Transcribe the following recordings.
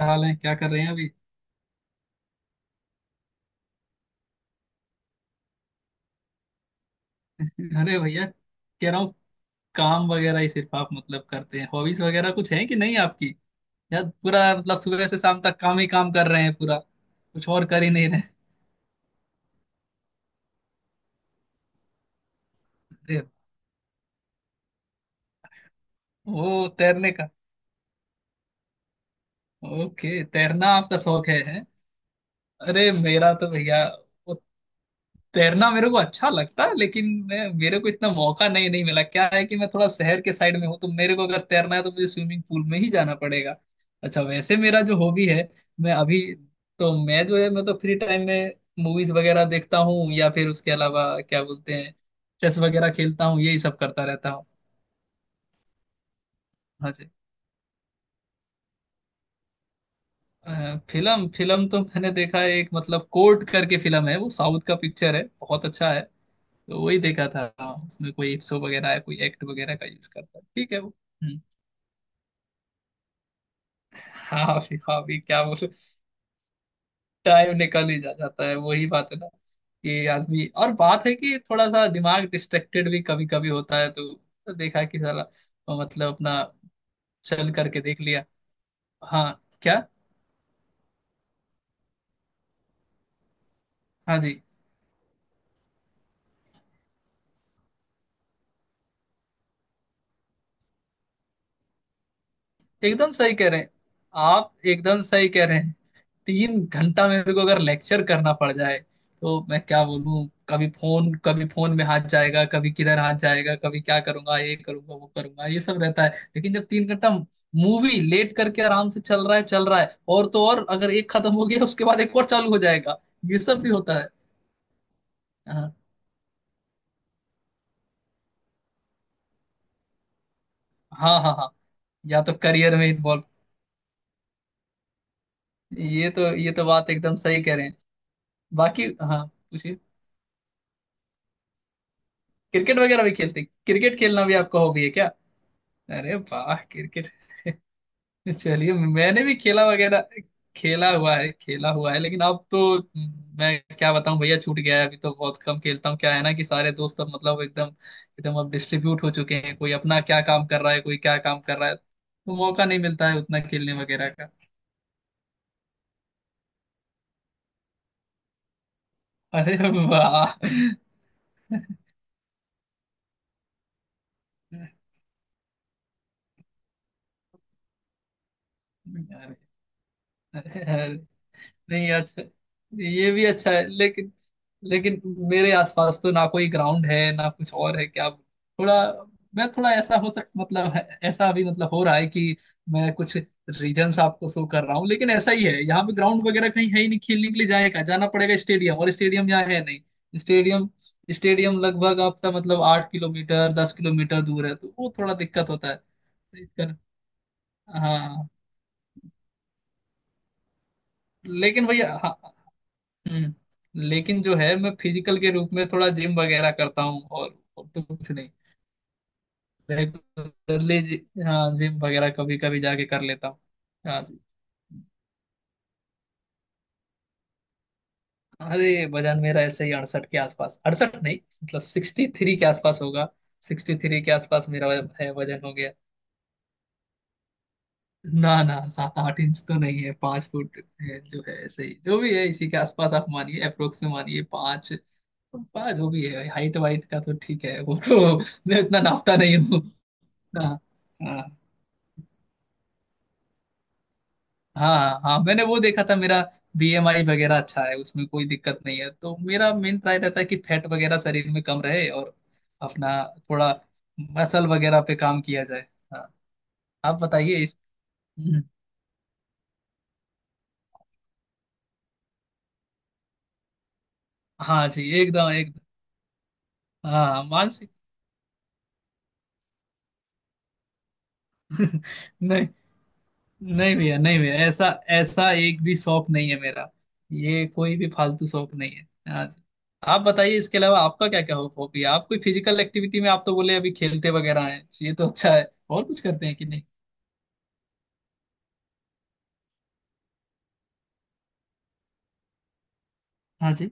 हाल है क्या कर रहे हैं अभी। अरे भैया कह रहा हूँ। काम वगैरह ही सिर्फ आप मतलब करते हैं, हॉबीज वगैरह कुछ है कि नहीं आपकी? या पूरा मतलब सुबह से शाम तक काम ही काम कर रहे हैं, पूरा कुछ और कर ही नहीं रहे? अरे, ओ तैरने का। ओके, तैरना आपका शौक है, है? अरे मेरा तो भैया, वो, तैरना मेरे को अच्छा लगता है लेकिन मैं मेरे को इतना मौका नहीं नहीं मिला। क्या है कि मैं थोड़ा शहर के साइड में हूँ, तो मेरे को अगर तैरना है तो मुझे स्विमिंग पूल में ही जाना पड़ेगा। अच्छा, वैसे मेरा जो हॉबी है, मैं अभी तो मैं जो है मैं तो फ्री टाइम में मूवीज वगैरह देखता हूँ, या फिर उसके अलावा क्या बोलते हैं, चेस वगैरह खेलता हूँ, यही सब करता रहता हूँ। हाँ जी। फिल्म फिल्म तो मैंने देखा है एक, मतलब कोर्ट करके फिल्म है, वो साउथ का पिक्चर है, बहुत अच्छा है। तो वही देखा था। उसमें कोई इप्सो वगैरह है, कोई एक्ट वगैरह का यूज करता है, ठीक है वो। हम्म। हाँ भी हाँ भी, क्या बोलूं। टाइम निकल ही जा जाता है, वही बात है ना कि आदमी, और बात है कि थोड़ा सा दिमाग डिस्ट्रैक्टेड भी कभी कभी होता है तो देखा कि साला तो मतलब अपना चल करके देख लिया। हाँ क्या। हाँ जी, एकदम सही कह रहे हैं। आप एकदम सही कह रहे हैं। 3 घंटा मेरे को अगर लेक्चर करना पड़ जाए तो मैं क्या बोलूं, कभी फोन में हाथ जाएगा, कभी किधर हाथ जाएगा, कभी क्या करूंगा, ये करूंगा, वो करूंगा, ये सब रहता है। लेकिन जब 3 घंटा मूवी लेट करके आराम से चल रहा है चल रहा है, और तो और अगर एक खत्म हो गया उसके बाद एक और चालू हो जाएगा, ये सब भी होता है। हाँ हाँ हाँ हाँ। या तो करियर में इन्वॉल्व, ये तो बात एकदम सही कह रहे हैं। बाकी हाँ पूछिए। क्रिकेट खेलना भी आपका हॉबी है क्या? अरे वाह क्रिकेट। चलिए, मैंने भी खेला वगैरह। खेला हुआ है खेला हुआ है, लेकिन अब तो मैं क्या बताऊं भैया, छूट गया है। अभी तो बहुत कम खेलता हूँ। क्या है ना कि सारे दोस्त अब मतलब एकदम एकदम अब डिस्ट्रीब्यूट हो चुके हैं, कोई अपना क्या काम कर रहा है, कोई क्या काम कर रहा है, तो मौका नहीं मिलता है उतना खेलने वगैरह का। अरे वाह। अरे, अरे, नहीं अच्छा। ये भी अच्छा है, लेकिन लेकिन मेरे आसपास तो ना कोई ग्राउंड है, ना कुछ और है, क्या थोड़ा, मैं थोड़ा ऐसा हो सक मतलब ऐसा अभी मतलब हो रहा है कि मैं कुछ रीजंस आपको शो कर रहा हूँ, लेकिन ऐसा ही है यहाँ पे ग्राउंड वगैरह कहीं है ही नहीं। खेलने के लिए जाएगा, जाना पड़ेगा स्टेडियम, और स्टेडियम यहाँ है नहीं स्टेडियम। स्टेडियम लगभग आपका मतलब 8 किलोमीटर 10 किलोमीटर दूर है, तो वो थोड़ा दिक्कत होता है। हाँ, लेकिन भैया हाँ, हम्म। लेकिन जो है, मैं फिजिकल के रूप में थोड़ा जिम वगैरह करता हूँ, और तो कुछ नहीं। रेगुलरली हाँ, जिम वगैरह कभी कभी जाके कर लेता हूँ। हाँ जी। अरे वजन मेरा ऐसे ही 68 के आसपास, 68 नहीं, मतलब 63 के आसपास होगा। 63 के आसपास मेरा वजन है, वजन हो गया। ना ना, 7-8 इंच तो नहीं है, 5 फुट है जो है, ऐसे ही जो भी है इसी के आसपास आप मानिए, अप्रोक्स में मानिए, पाँच पाँच, जो भी है हाइट वाइट का तो ठीक है वो तो। मैं उतना नापता नहीं। हाँ हाँ हाँ हाँ, मैंने वो देखा था, मेरा बीएमआई वगैरह अच्छा है, उसमें कोई दिक्कत नहीं है। तो मेरा मेन ट्राई रहता है कि फैट वगैरह शरीर में कम रहे, और अपना थोड़ा मसल वगैरह पे काम किया जाए। हाँ, आप बताइए इस, हम्म, हाँ जी, एकदम एकदम। हाँ हाँ, मानसिक, नहीं, नहीं भैया, नहीं भैया, ऐसा ऐसा एक भी शौक नहीं है मेरा। ये कोई भी फालतू शौक नहीं है, हाँ जी। आप बताइए इसके अलावा आपका क्या क्या हॉबी है, आप कोई फिजिकल एक्टिविटी में, आप तो बोले अभी खेलते वगैरह हैं, ये तो अच्छा है, और कुछ करते हैं कि नहीं? हाँ जी।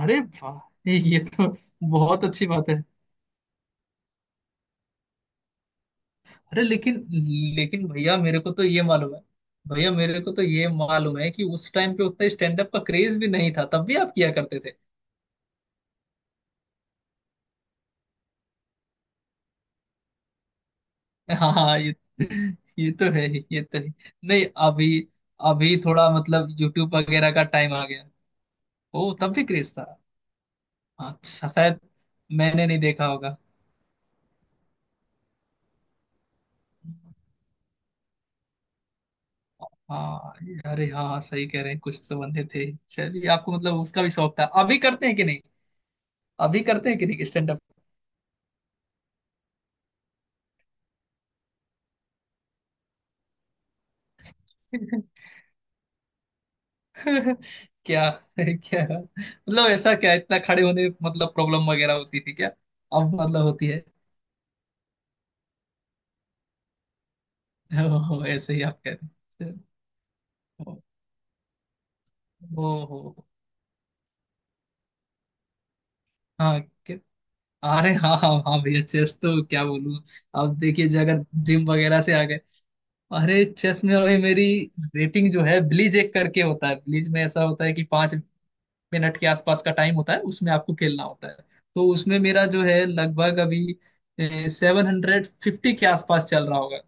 अरे वाह, ये तो बहुत अच्छी बात है। अरे लेकिन लेकिन भैया मेरे को तो ये मालूम है कि उस टाइम पे उतना स्टैंड अप का क्रेज भी नहीं था, तब भी आप किया करते थे। हाँ हाँ, ये तो है ही, ये तो है। नहीं, अभी अभी थोड़ा मतलब यूट्यूब वगैरह का टाइम आ गया। ओ, तब भी क्रेज था। हाँ शायद मैंने नहीं देखा होगा। हाँ अरे हाँ हाँ, सही कह रहे हैं, कुछ तो बंदे थे। चलिए, आपको मतलब उसका भी शौक था, अभी करते हैं कि नहीं, अभी करते हैं कि नहीं स्टैंड अप? क्या क्या मतलब ऐसा, क्या इतना खड़े होने में मतलब प्रॉब्लम वगैरह होती थी क्या? अब मतलब होती है? ओहो, ऐसे ही आप कह रहे हैं। ओ, हाँ कि- अरे हाँ हाँ हाँ भैया, चेस तो क्या बोलूँ, अब देखिए जो अगर जिम वगैरह से आ गए। अरे चेस में अभी मेरी रेटिंग जो है ब्लीज एक करके होता है, ब्लीज में ऐसा होता है कि 5 मिनट के आसपास का टाइम होता है, उसमें आपको खेलना होता है। तो उसमें मेरा जो है लगभग अभी 750 के आसपास चल रहा होगा,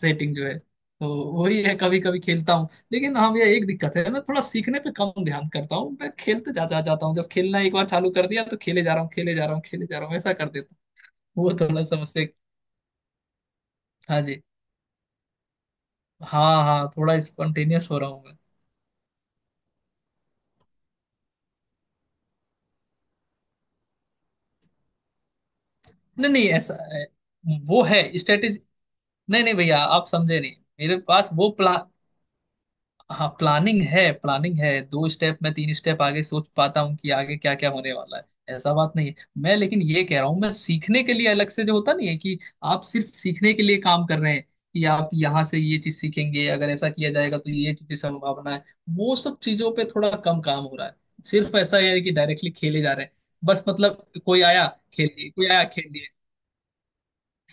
सेटिंग जो है। तो वही है, कभी कभी खेलता हूँ, लेकिन हाँ भैया एक दिक्कत है, मैं थोड़ा सीखने पे कम ध्यान करता हूँ। मैं खेलते जा जा जाता हूँ, जब खेलना एक बार चालू कर दिया तो खेले जा रहा हूँ, खेले जा रहा हूँ, खेले जा रहा हूँ, ऐसा कर देता हूँ, वो थोड़ा समस्या। हाँ जी। हाँ हाँ, थोड़ा स्पॉन्टेनियस हो रहा हूँ मैं। नहीं नहीं ऐसा है, वो है स्ट्रेटेजी, नहीं नहीं भैया, आप समझे नहीं, मेरे पास वो प्लान, हाँ, प्लानिंग है, प्लानिंग है, दो स्टेप, मैं तीन स्टेप आगे सोच पाता हूँ कि आगे क्या क्या होने वाला है, ऐसा बात नहीं है मैं। लेकिन ये कह रहा हूँ मैं, सीखने के लिए अलग से जो होता नहीं है कि आप सिर्फ सीखने के लिए काम कर रहे हैं कि आप यहाँ से ये चीज सीखेंगे, अगर ऐसा किया जाएगा तो ये चीज की संभावना है, वो सब चीजों पे थोड़ा कम काम हो रहा है। सिर्फ ऐसा है कि डायरेक्टली खेले जा रहे हैं बस, मतलब कोई आया खेल लिए, कोई आया खेल लिए।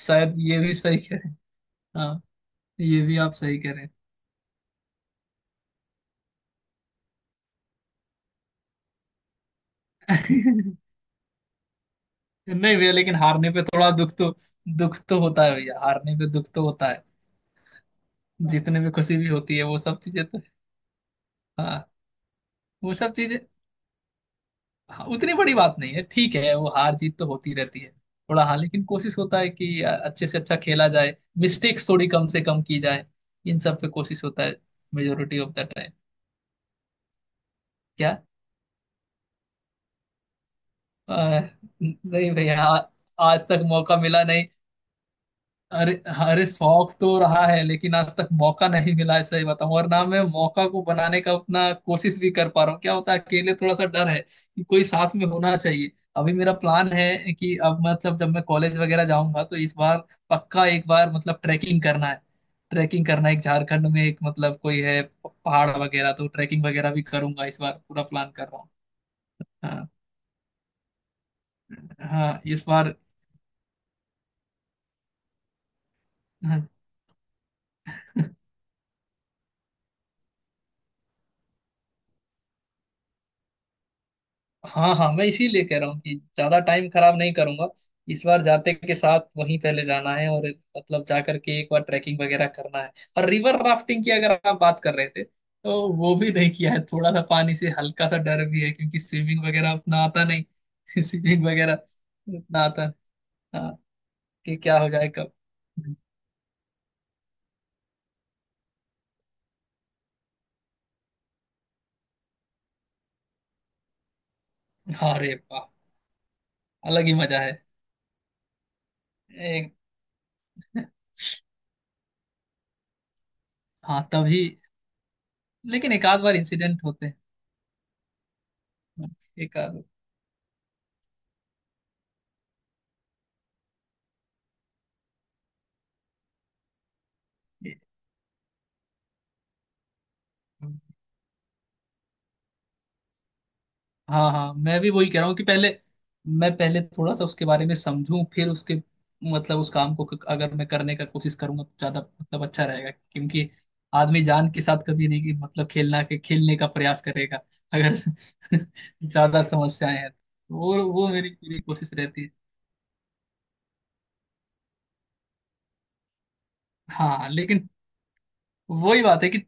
शायद ये भी सही कह रहे हैं। हाँ, ये भी आप सही कह रहे हैं। नहीं भैया, लेकिन हारने पे थोड़ा दुख तो होता है भैया, हारने पे दुख तो होता है। जीतने पे खुशी भी होती है, वो सब चीजें तो। हाँ, वो सब चीजें। हाँ, उतनी बड़ी बात नहीं है, ठीक है, वो हार जीत तो होती रहती है। थोड़ा हाँ, लेकिन कोशिश होता है कि अच्छे से अच्छा खेला जाए, मिस्टेक्स थोड़ी कम से कम की जाए, इन सब पे कोशिश होता है, मेजोरिटी ऑफ द टाइम। क्या, अ, नहीं भैया आज तक मौका मिला नहीं। अरे, अरे शौक तो रहा है, लेकिन आज तक मौका नहीं मिला है, सही बताऊं, और ना मैं मौका को बनाने का उतना कोशिश भी कर पा रहा हूँ। क्या होता है, अकेले थोड़ा सा डर है कि कोई साथ में होना चाहिए। अभी मेरा प्लान है कि अब मतलब जब मैं कॉलेज वगैरह जाऊंगा तो इस बार पक्का एक बार मतलब ट्रैकिंग करना है, ट्रैकिंग करना है, एक झारखंड में एक मतलब कोई है पहाड़ वगैरह, तो ट्रैकिंग वगैरह भी करूंगा इस बार, पूरा प्लान कर रहा हूँ। हाँ हाँ, इस बार। हाँ हाँ हाँ, मैं इसीलिए कह रहा हूँ कि ज्यादा टाइम खराब नहीं करूंगा, इस बार जाते के साथ वहीं पहले जाना है, और मतलब जाकर के एक बार ट्रैकिंग वगैरह करना है। और रिवर राफ्टिंग की अगर आप बात कर रहे थे, तो वो भी नहीं किया है, थोड़ा सा पानी से हल्का सा डर भी है, क्योंकि स्विमिंग वगैरह उतना आता नहीं। स्विमिंग वगैरह उतना आता नहीं। हाँ, कि क्या हो जाए कब। हाँ, अरे वाह, अलग ही मजा है, एक, हाँ तभी, लेकिन एक आध बार इंसिडेंट होते हैं, एक आध। हाँ हाँ, मैं भी वही कह रहा हूँ कि पहले मैं पहले थोड़ा सा उसके बारे में समझूं, फिर उसके मतलब उस काम को अगर मैं करने का कोशिश करूंगा तो ज्यादा मतलब अच्छा रहेगा, क्योंकि आदमी जान के साथ कभी नहीं कि मतलब खेलना के खेलने का प्रयास करेगा। अगर ज्यादा समस्याएं हैं तो वो मेरी पूरी कोशिश रहती है। हाँ, लेकिन वही बात है कि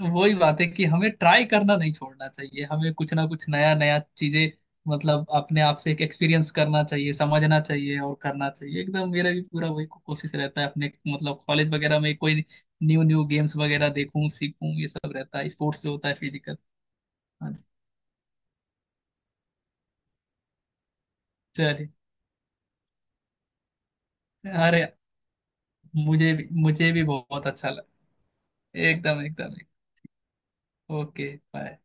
वही बात है कि हमें ट्राई करना नहीं छोड़ना चाहिए, हमें कुछ ना कुछ नया नया चीजें मतलब अपने आप से एक एक्सपीरियंस करना चाहिए, समझना चाहिए, और करना चाहिए। एकदम मेरा भी पूरा वही कोशिश रहता है, अपने मतलब कॉलेज वगैरह में कोई न्यू न्यू गेम्स वगैरह देखूं, सीखूं, ये सब रहता है, स्पोर्ट्स जो होता है, फिजिकल। हाँ जी। चलिए। अरे, मुझे भी बहुत अच्छा लगा, एकदम एकदम। Okay bye.